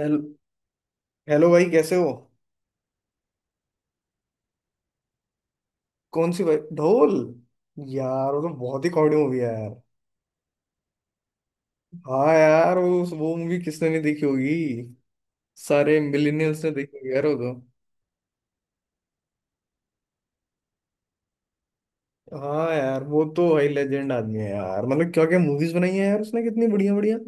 Hello- hello भाई, कैसे हो? कौन सी भाई? ढोल? यार, वो तो बहुत ही कॉमेडी मूवी है यार। हाँ यार, वो मूवी किसने नहीं देखी होगी। सारे मिलेनियल्स ने देखी होगी यार, वो तो। हाँ यार, वो तो भाई लेजेंड आदमी है यार, मतलब क्या क्या मूवीज बनाई है यार उसने, कितनी बढ़िया बढ़िया।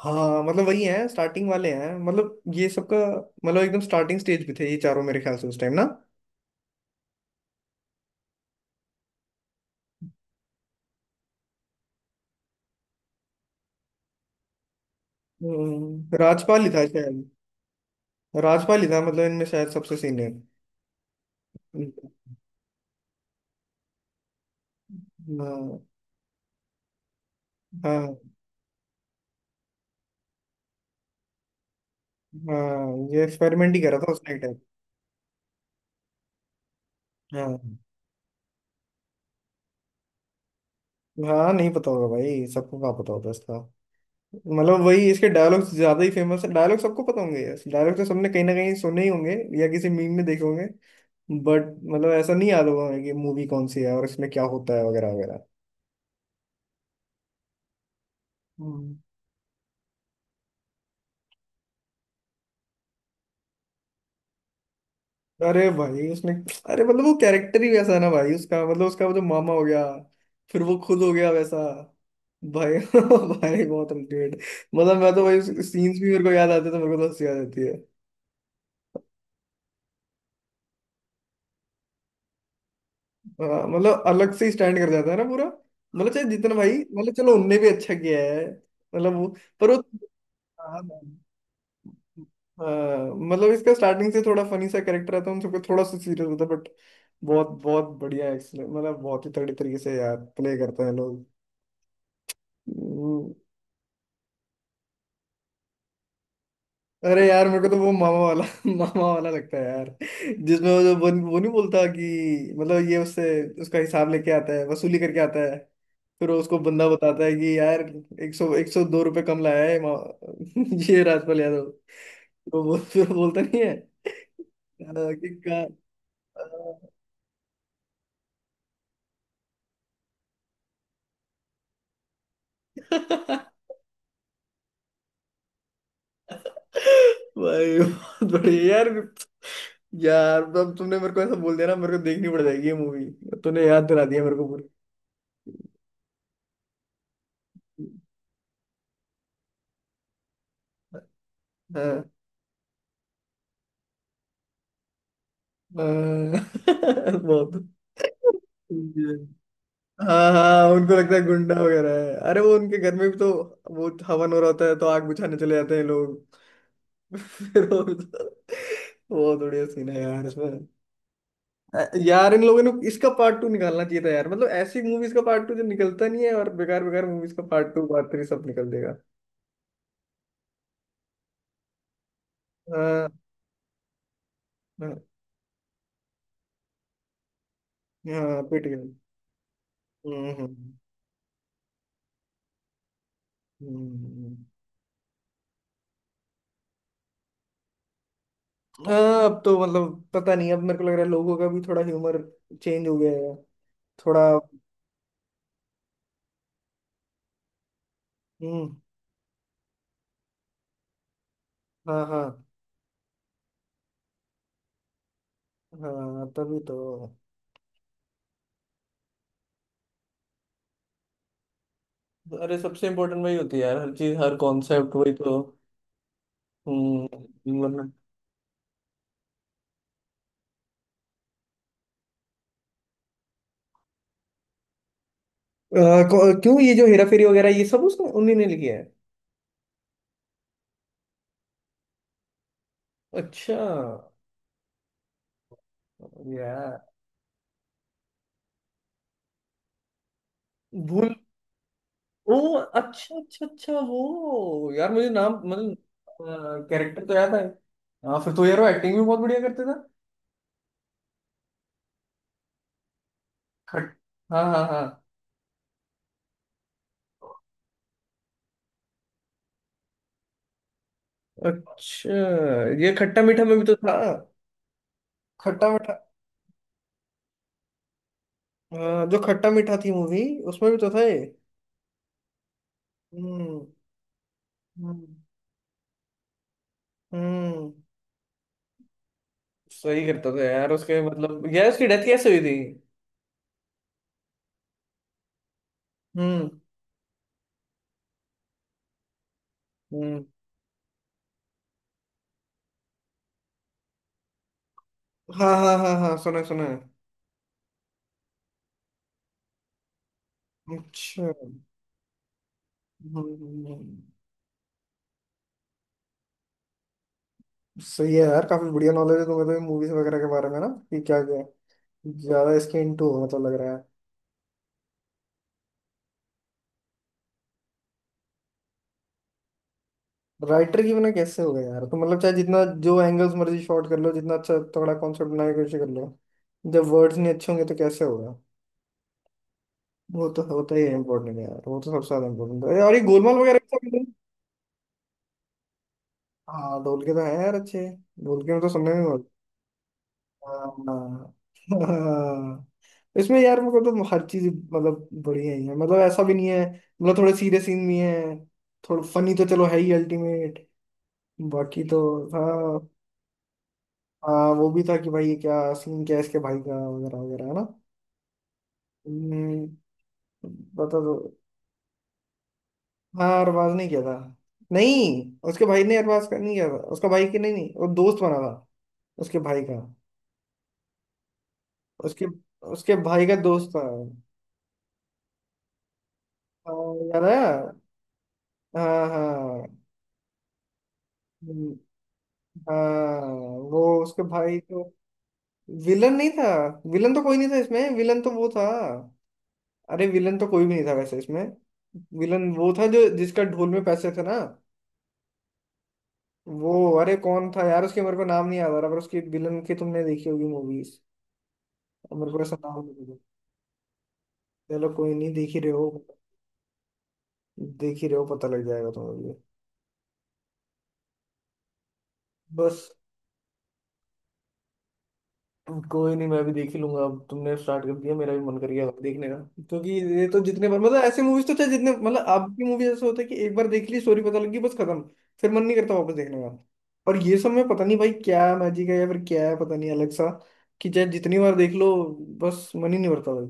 हाँ, मतलब वही है, स्टार्टिंग वाले हैं, मतलब ये सबका। मतलब एकदम स्टार्टिंग स्टेज पे थे ये चारों, मेरे ख्याल से उस टाइम ना। राजपाल ही था शायद। राजपाल ही था, मतलब इनमें शायद सबसे सीनियर। हाँ, हाँ, हाँ। ये एक्सपेरिमेंट ही करा था उसने एक टाइम। हाँ। हाँ, नहीं पता होगा भाई, सबको कहाँ पता होता है इसका। मतलब वही, इसके डायलॉग्स ज्यादा ही फेमस है, डायलॉग सबको पता होंगे यार, डायलॉग तो सबने कहीं ना कहीं सुने ही होंगे। या किसी मीम में देखे होंगे। बट। मतलब ऐसा नहीं याद होगा हमें कि मूवी कौन सी है और इसमें क्या होता है वगैरह वगैरह। अरे भाई, उसने। अरे मतलब वो कैरेक्टर ही वैसा है ना भाई उसका, मतलब उसका वो जो मामा हो गया। फिर वो खुद हो गया वैसा। भाई भाई बहुत अल्टीमेट। मतलब मैं तो भाई सीन्स भी मेरे को याद आते हैं तो मेरे को तो हंसी आ जाती है। हाँ, मतलब अलग से स्टैंड कर जाता है ना पूरा। मतलब चाहे जितना भाई, मतलब चलो उनने भी अच्छा किया है। मतलब वो, पर वो, हाँ। हाँ, मतलब इसका स्टार्टिंग से थोड़ा फनी सा कैरेक्टर आता है, उन सबको थोड़ा सा सीरियस होता है बट। बहुत बहुत बढ़िया एक्सलेंट, मतलब बहुत ही तगड़े तरीके से यार प्ले करते हैं लोग। वो- अरे यार, मेरे को तो वो मामा वाला मामा वाला लगता है यार। जिसमें वो जो वो नहीं बोलता कि मतलब ये उससे, उसका हिसाब लेके आता है, वसूली करके आता है। फिर वो उसको बंदा बताता है कि यार एक सौ दो रुपये कम लाया है ये राजपाल यादव। तो वो फिर वो बोलता नहीं है। कि का। भाई बहुत बढ़िया यार। यार अब तुमने मेरे को ऐसा बोल दिया ना, मेरे को देखनी पड़ जाएगी ये मूवी। तूने याद दिला दिया मेरे को पूरी। हाँ। हाँ, बहुत ये। हाँ हाँ, उनको लगता है गुंडा वगैरह है। अरे वो उनके घर में भी तो, वो हवन हो रहा होता है तो आग बुझाने चले जाते हैं लोग। फिर वो, बहुत बढ़िया सीन है यार इसमें। यार, इन लोगों ने इसका पार्ट टू निकालना चाहिए था यार, मतलब ऐसी मूवीज का पार्ट टू जो निकलता नहीं है, और बेकार बेकार मूवीज का पार्ट टू पार्ट थ्री सब निकल देगा। हाँ हाँ। हाँ, पिट गया। हम्म, हम्म। हम्म, हम्म, हम्म। हाँ, अब तो मतलब पता नहीं, अब मेरे को लग रहा है लोगों का भी थोड़ा ह्यूमर चेंज हो गया है। थोड़ा। हम्म। हाँ, हाँ। हाँ, तभी तो। अरे, सबसे इम्पोर्टेंट वही होती है यार, हर चीज हर कॉन्सेप्ट वही तो। हम्म, वरना। अ, क्यों, ये जो हेरा फेरी वगैरह ये सब उसने उन्हीं ने लिखी है? अच्छा। यार। भूल। ओ। अच्छा अच्छा अच्छा, वो यार मुझे नाम, मतलब कैरेक्टर तो याद है। हाँ, फिर तो यार वो एक्टिंग भी बहुत बढ़िया करते थे। खट। हाँ, हाँ, हाँ। अच्छा। ये खट्टा मीठा में भी तो था। खट्टा मीठा। हाँ, जो खट्टा मीठा थी मूवी, उसमें भी तो था ये। हम्म। हम्म। हम्म। सही करता था यार उसके, मतलब यार उसकी डेथ कैसे हुई थी? हम्म। हम्म। हाँ, हाँ, हाँ, हाँ, सुना है, सुना है। अच्छा, हम्म। सही है यार, काफी बढ़िया नॉलेज है तुम्हें तो मूवीज वगैरह के बारे में ना, कि क्या क्या। ज्यादा इसके इंटू हो मतलब, लग रहा है। राइटर की बिना कैसे होगा यार, तो मतलब चाहे जितना, जो एंगल्स मर्जी शॉट कर लो, जितना अच्छा तगड़ा कॉन्सेप्ट बनाने की कोशिश कर लो। जब वर्ड्स नहीं अच्छे होंगे तो कैसे होगा? वो तो होता ही है इम्पोर्टेंट यार, वो तो सबसे ज्यादा इम्पोर्टेंट है, और ये गोलमाल वगैरह भी सब मिले। हाँ, ढोल के तो है यार अच्छे। ढोल के में तो सुनने में बहुत। हाँ। हाँ। इसमें यार मेरे को तो हर चीज, मतलब बढ़िया ही है, मतलब ऐसा भी नहीं है। मतलब थोड़े सीरियस सीन भी है। थोड़ा फनी तो चलो है ही अल्टीमेट। बाकी तो। हाँ। हाँ, वो भी था कि भाई ये क्या सीन क्या है इसके भाई का वगैरह वगैरह है ना। हम्म, बता दो। हाँ, अरबाज नहीं किया था। नहीं, उसके भाई ने अरबाज का नहीं किया था, उसका भाई के, नहीं नहीं वो दोस्त बना था। उसके भाई का। उसके, उसके भाई का दोस्त था। हाँ, याद आया। हाँ हाँ। हम्म। हाँ। वो उसके भाई तो, विलन नहीं था। विलन तो कोई नहीं था इसमें, विलन तो वो था। अरे, विलन तो कोई भी नहीं था वैसे इसमें। विलन वो था जो, जिसका ढोल में पैसे थे ना, वो। अरे कौन था यार उसके, मेरे को नाम नहीं याद आ रहा, पर उसकी विलन की तुमने देखी होगी मूवीज। मेरे को ऐसा नाम नहीं पता। चलो कोई नहीं, देख ही रहे हो। देख ही रहे हो, पता लग जाएगा तुम्हें भी। बस। कोई नहीं, मैं भी देख ही लूंगा, अब तुमने स्टार्ट कर दिया मेरा भी मन कर गया देखने का। क्योंकि ये तो जितने बार मतलब ऐसे मूवीज तो चाहे जितने, मतलब आपकी मूवीज ऐसे होता है कि एक बार देख ली स्टोरी पता लगी बस खत्म। फिर मन नहीं करता वापस देखने का। और ये सब में पता नहीं भाई क्या मैजिक है, या फिर क्या है पता नहीं अलग सा। कि चाहे जितनी बार देख लो, बस मन ही नहीं भरता भाई।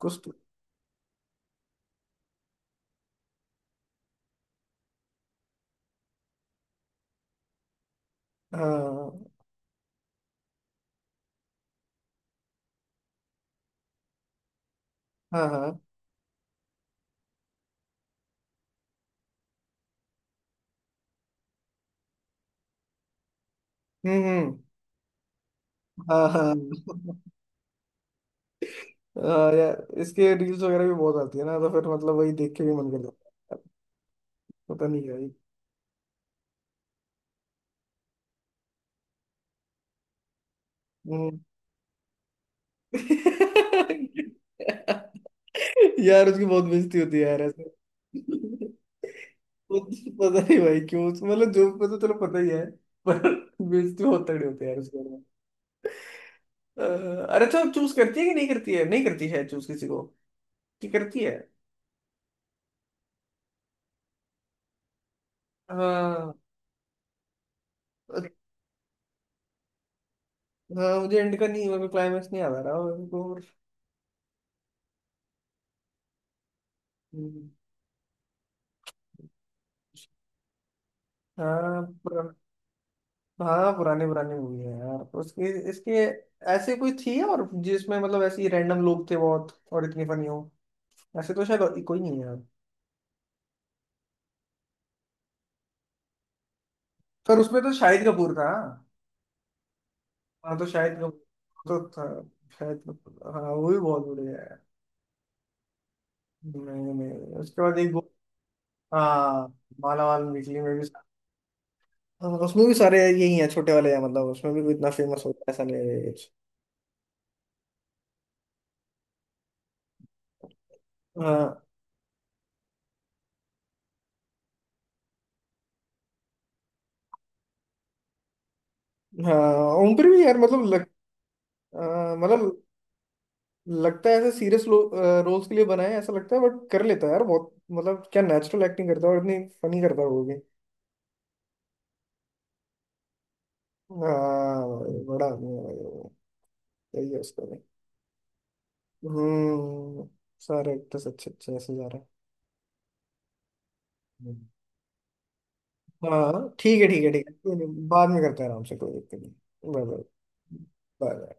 कुछ तो। हाँ हाँ। हाँ। हम्म, हम्म। हाँ हाँ। हाँ यार, इसके रील्स वगैरह भी बहुत आती है ना, तो फिर मतलब वही देख के भी मन कर जाता है। पता नहीं भाई। हम्म। यार उसकी बहुत बेइज्जती होती है यार ऐसे। पता नहीं भाई क्यों, मतलब जो पता चलो पता ही है। पर, बेइज्जती बहुत तगड़ी होती है यार उसके बारे में। अरे अच्छा, चूज करती है कि नहीं करती है, नहीं करती है चूज किसी को? कि करती है? हाँ। हाँ, मुझे एंड का नहीं, मेरे को क्लाइमेक्स नहीं याद आ रहा मेरे को हम्म। हाँ, हाँ, पुराने पुराने मूवी है यार तो उसके इसके। ऐसे कोई थी और जिसमें मतलब ऐसे ही रैंडम लोग थे बहुत और इतनी फनी हो। ऐसे तो शायद कोई नहीं है यार। पर उसमें तो शाहिद कपूर था। हाँ, तो शाहिद कपूर तो था। शाहिद कपूर, हाँ वो भी बहुत बढ़िया है। नहीं नहीं उसके बाद एक हाँ, माला माल निकली में भी। हाँ, उसमें भी सारे यही है छोटे वाले हैं, मतलब उसमें भी कोई इतना फेमस होता है ऐसा नहीं है कुछ। हाँ। हाँ। ओमपुरी भी यार मतलब लग, मतलब लगता है ऐसे सीरियस रोल्स के लिए बनाया है ऐसा लगता है, बट कर लेता है यार बहुत, मतलब क्या नेचुरल एक्टिंग करता है और इतनी फनी करता है वो भी। हाँ भाई, बड़ा आदमी है भाई वो। यही है उसका भी। हम्म। सारे एक्टर्स अच्छे अच्छे ऐसे जा रहे हैं। हम्म। हाँ ठीक है ठीक है ठीक है, कोई नहीं, बाद में करते हैं आराम से, कोई दिक्कत नहीं, बाय बाय। बाय।